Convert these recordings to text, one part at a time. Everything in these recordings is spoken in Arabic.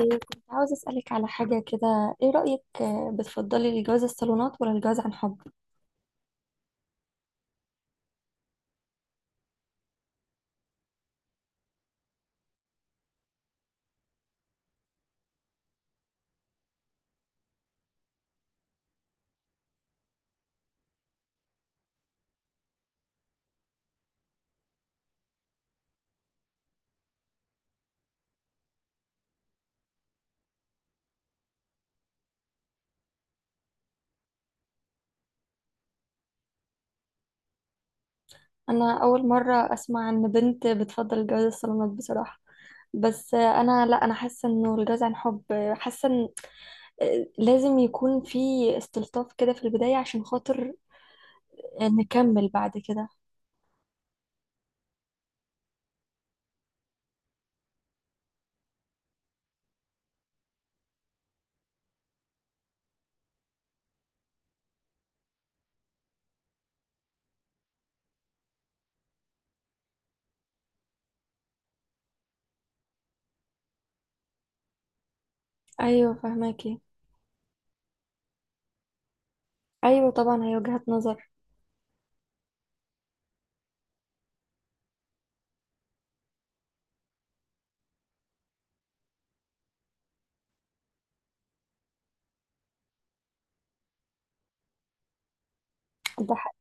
إيه، كنت عاوز أسألك على حاجة كده. إيه رأيك، بتفضلي الجواز الصالونات ولا الجواز عن حب؟ أنا أول مرة أسمع إن بنت بتفضل الجواز الصالونات بصراحة. بس أنا لا أنا حاسة إنه الجواز عن حب، حاسة إن لازم يكون في استلطاف كده في البداية عشان خاطر نكمل بعد كده. أيوة فهماكي. أيوة طبعا، هي وجهة نظر. ده حق.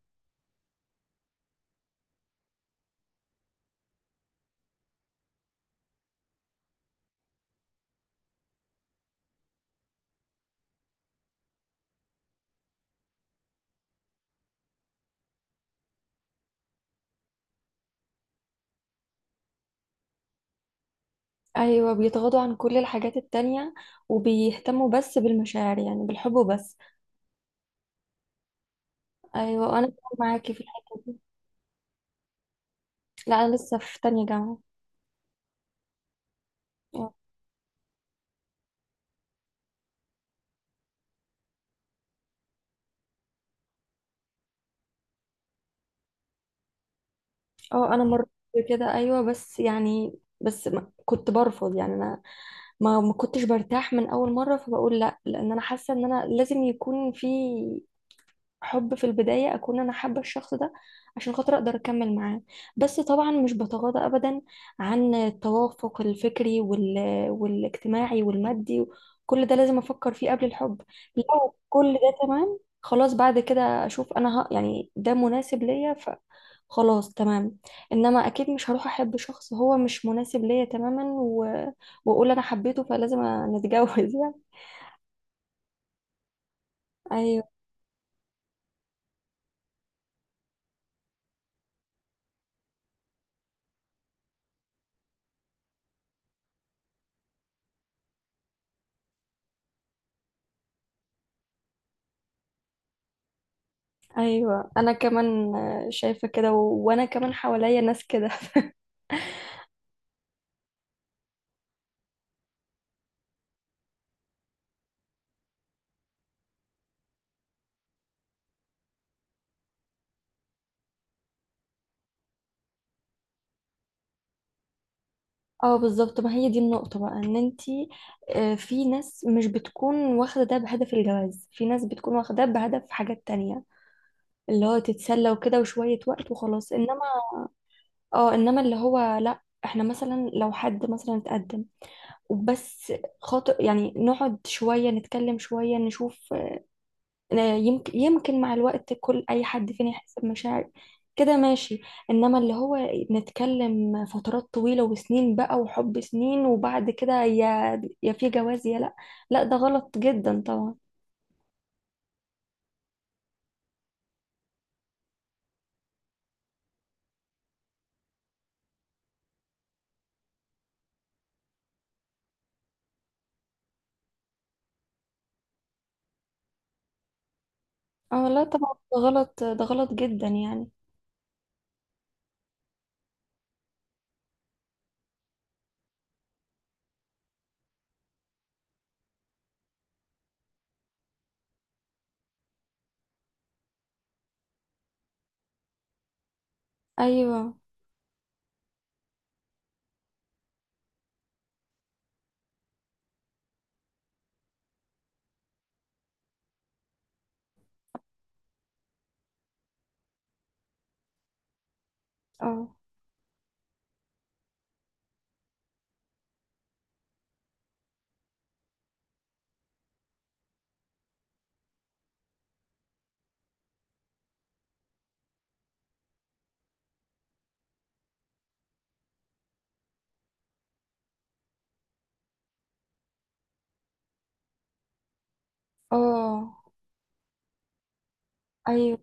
أيوة، بيتغاضوا عن كل الحاجات التانية وبيهتموا بس بالمشاعر، يعني بالحب وبس. أيوة أنا معاكي في الحتة دي. لا انا لسه في تانية جامعة. اه. انا مريت كده ايوه، بس يعني بس ما كنت برفض يعني انا، ما كنتش برتاح من اول مرة فبقول لا، لان انا حاسة ان انا لازم يكون في حب في البداية، أكون أنا حابة الشخص ده عشان خاطر أقدر أكمل معاه. بس طبعا مش بتغاضى أبدا عن التوافق الفكري والاجتماعي والمادي، كل ده لازم أفكر فيه قبل الحب. لو كل ده تمام، خلاص بعد كده أشوف أنا يعني ده مناسب ليا ف خلاص تمام. انما اكيد مش هروح احب شخص هو مش مناسب ليا تماما واقول انا حبيته فلازم نتجوز يعني. أيوه ايوه، انا كمان شايفه كده وانا كمان حواليا ناس كده اه بالظبط، ما هي دي النقطه بقى، ان انتي في ناس مش بتكون واخده ده بهدف الجواز، في ناس بتكون واخده ده بهدف حاجات تانية، اللي هو تتسلى وكده وشويه وقت وخلاص. انما اه، انما اللي هو لا، احنا مثلا لو حد مثلا اتقدم وبس خاطر يعني نقعد شويه نتكلم شويه نشوف، يمكن مع الوقت كل اي حد فينا يحس بمشاعر كده ماشي. انما اللي هو نتكلم فترات طويلة وسنين بقى، وحب سنين، وبعد كده يا في جواز يا لا، لا ده غلط جدا طبعا. اه لا طبعا، ده غلط، ده غلط جدا يعني. ايوه. اه. اه. ايوه.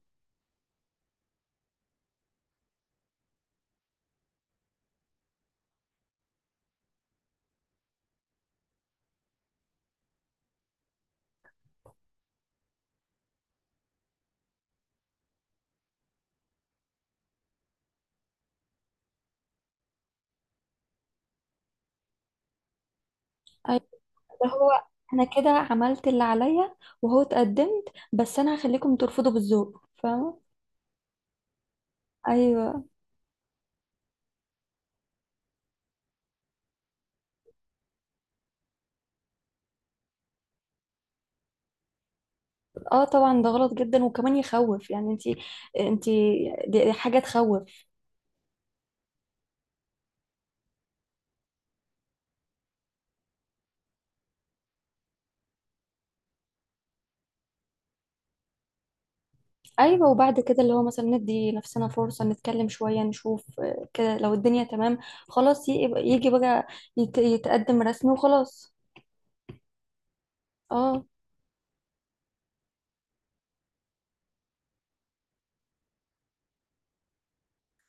ايوه ده هو، انا كده عملت اللي عليا وهو اتقدمت، بس انا هخليكم ترفضوا بالذوق. فاهمة؟ ايوه. اه طبعا ده غلط جدا، وكمان يخوف يعني. انتي دي حاجة تخوف. ايوه، وبعد كده اللي هو مثلا ندي نفسنا فرصة نتكلم شوية نشوف كده، لو الدنيا تمام خلاص يجي بقى يتقدم رسمي وخلاص. اه.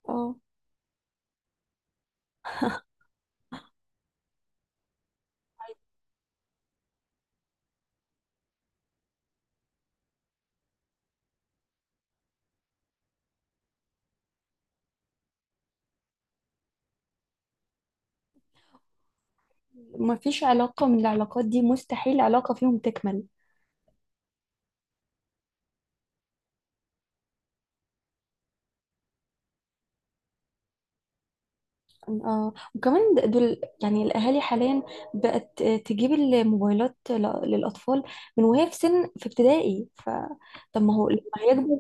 اه. مفيش علاقة من العلاقات دي، مستحيل علاقة فيهم تكمل. اه، وكمان دول يعني الأهالي حاليا بقت تجيب الموبايلات للأطفال من وهي في سن في ابتدائي، فطب ما هو لما هيكبر؟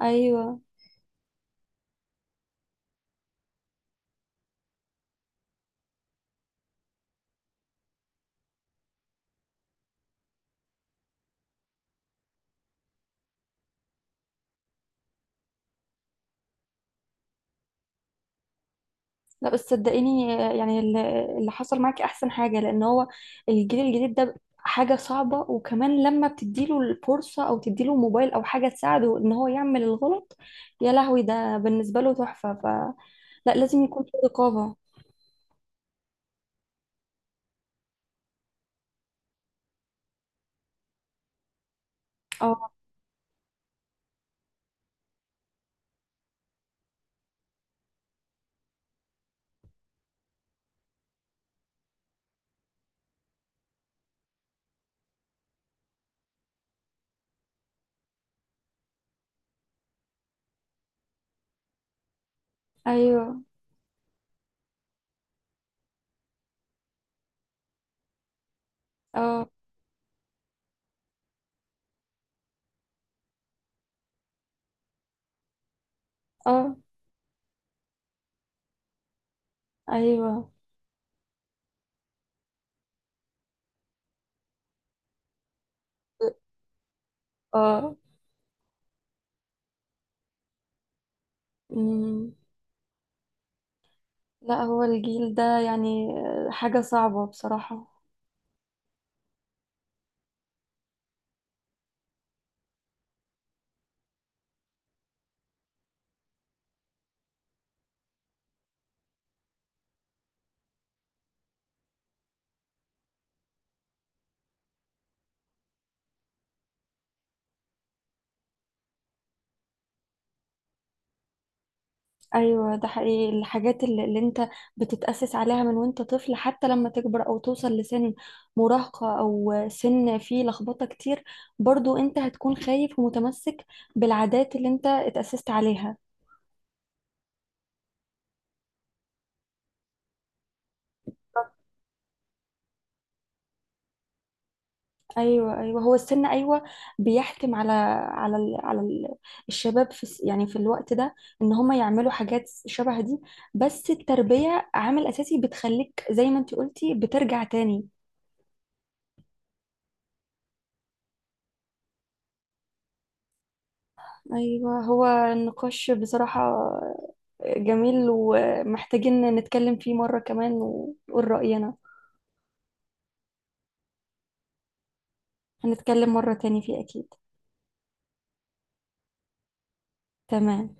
ايوه. لا بس صدقيني، يعني اللي حصل معاكي احسن حاجه، لان هو الجيل الجديد ده حاجه صعبه، وكمان لما بتديله الفرصه او تديله موبايل او حاجه تساعده ان هو يعمل الغلط، يا لهوي ده بالنسبه له تحفه. ف لا، لازم يكون في رقابه. اه. ايوه. اه. اه. ايوه. اه. أمم. لا هو الجيل ده يعني حاجه صعبه بصراحه. ايوه ده حقيقي، الحاجات اللي, اللي انت بتتأسس عليها من وانت طفل، حتى لما تكبر او توصل لسن مراهقة او سن فيه لخبطة كتير، برضو انت هتكون خايف ومتمسك بالعادات اللي انت اتأسست عليها. ايوه ايوه، هو السن ايوه بيحتم على على ال الشباب في يعني في الوقت ده ان هم يعملوا حاجات شبه دي، بس التربية عامل اساسي بتخليك زي ما انت قلتي بترجع تاني. ايوه هو النقاش بصراحة جميل، ومحتاجين نتكلم فيه مرة كمان ونقول رأينا. هنتكلم مرة تاني فيه أكيد. تمام.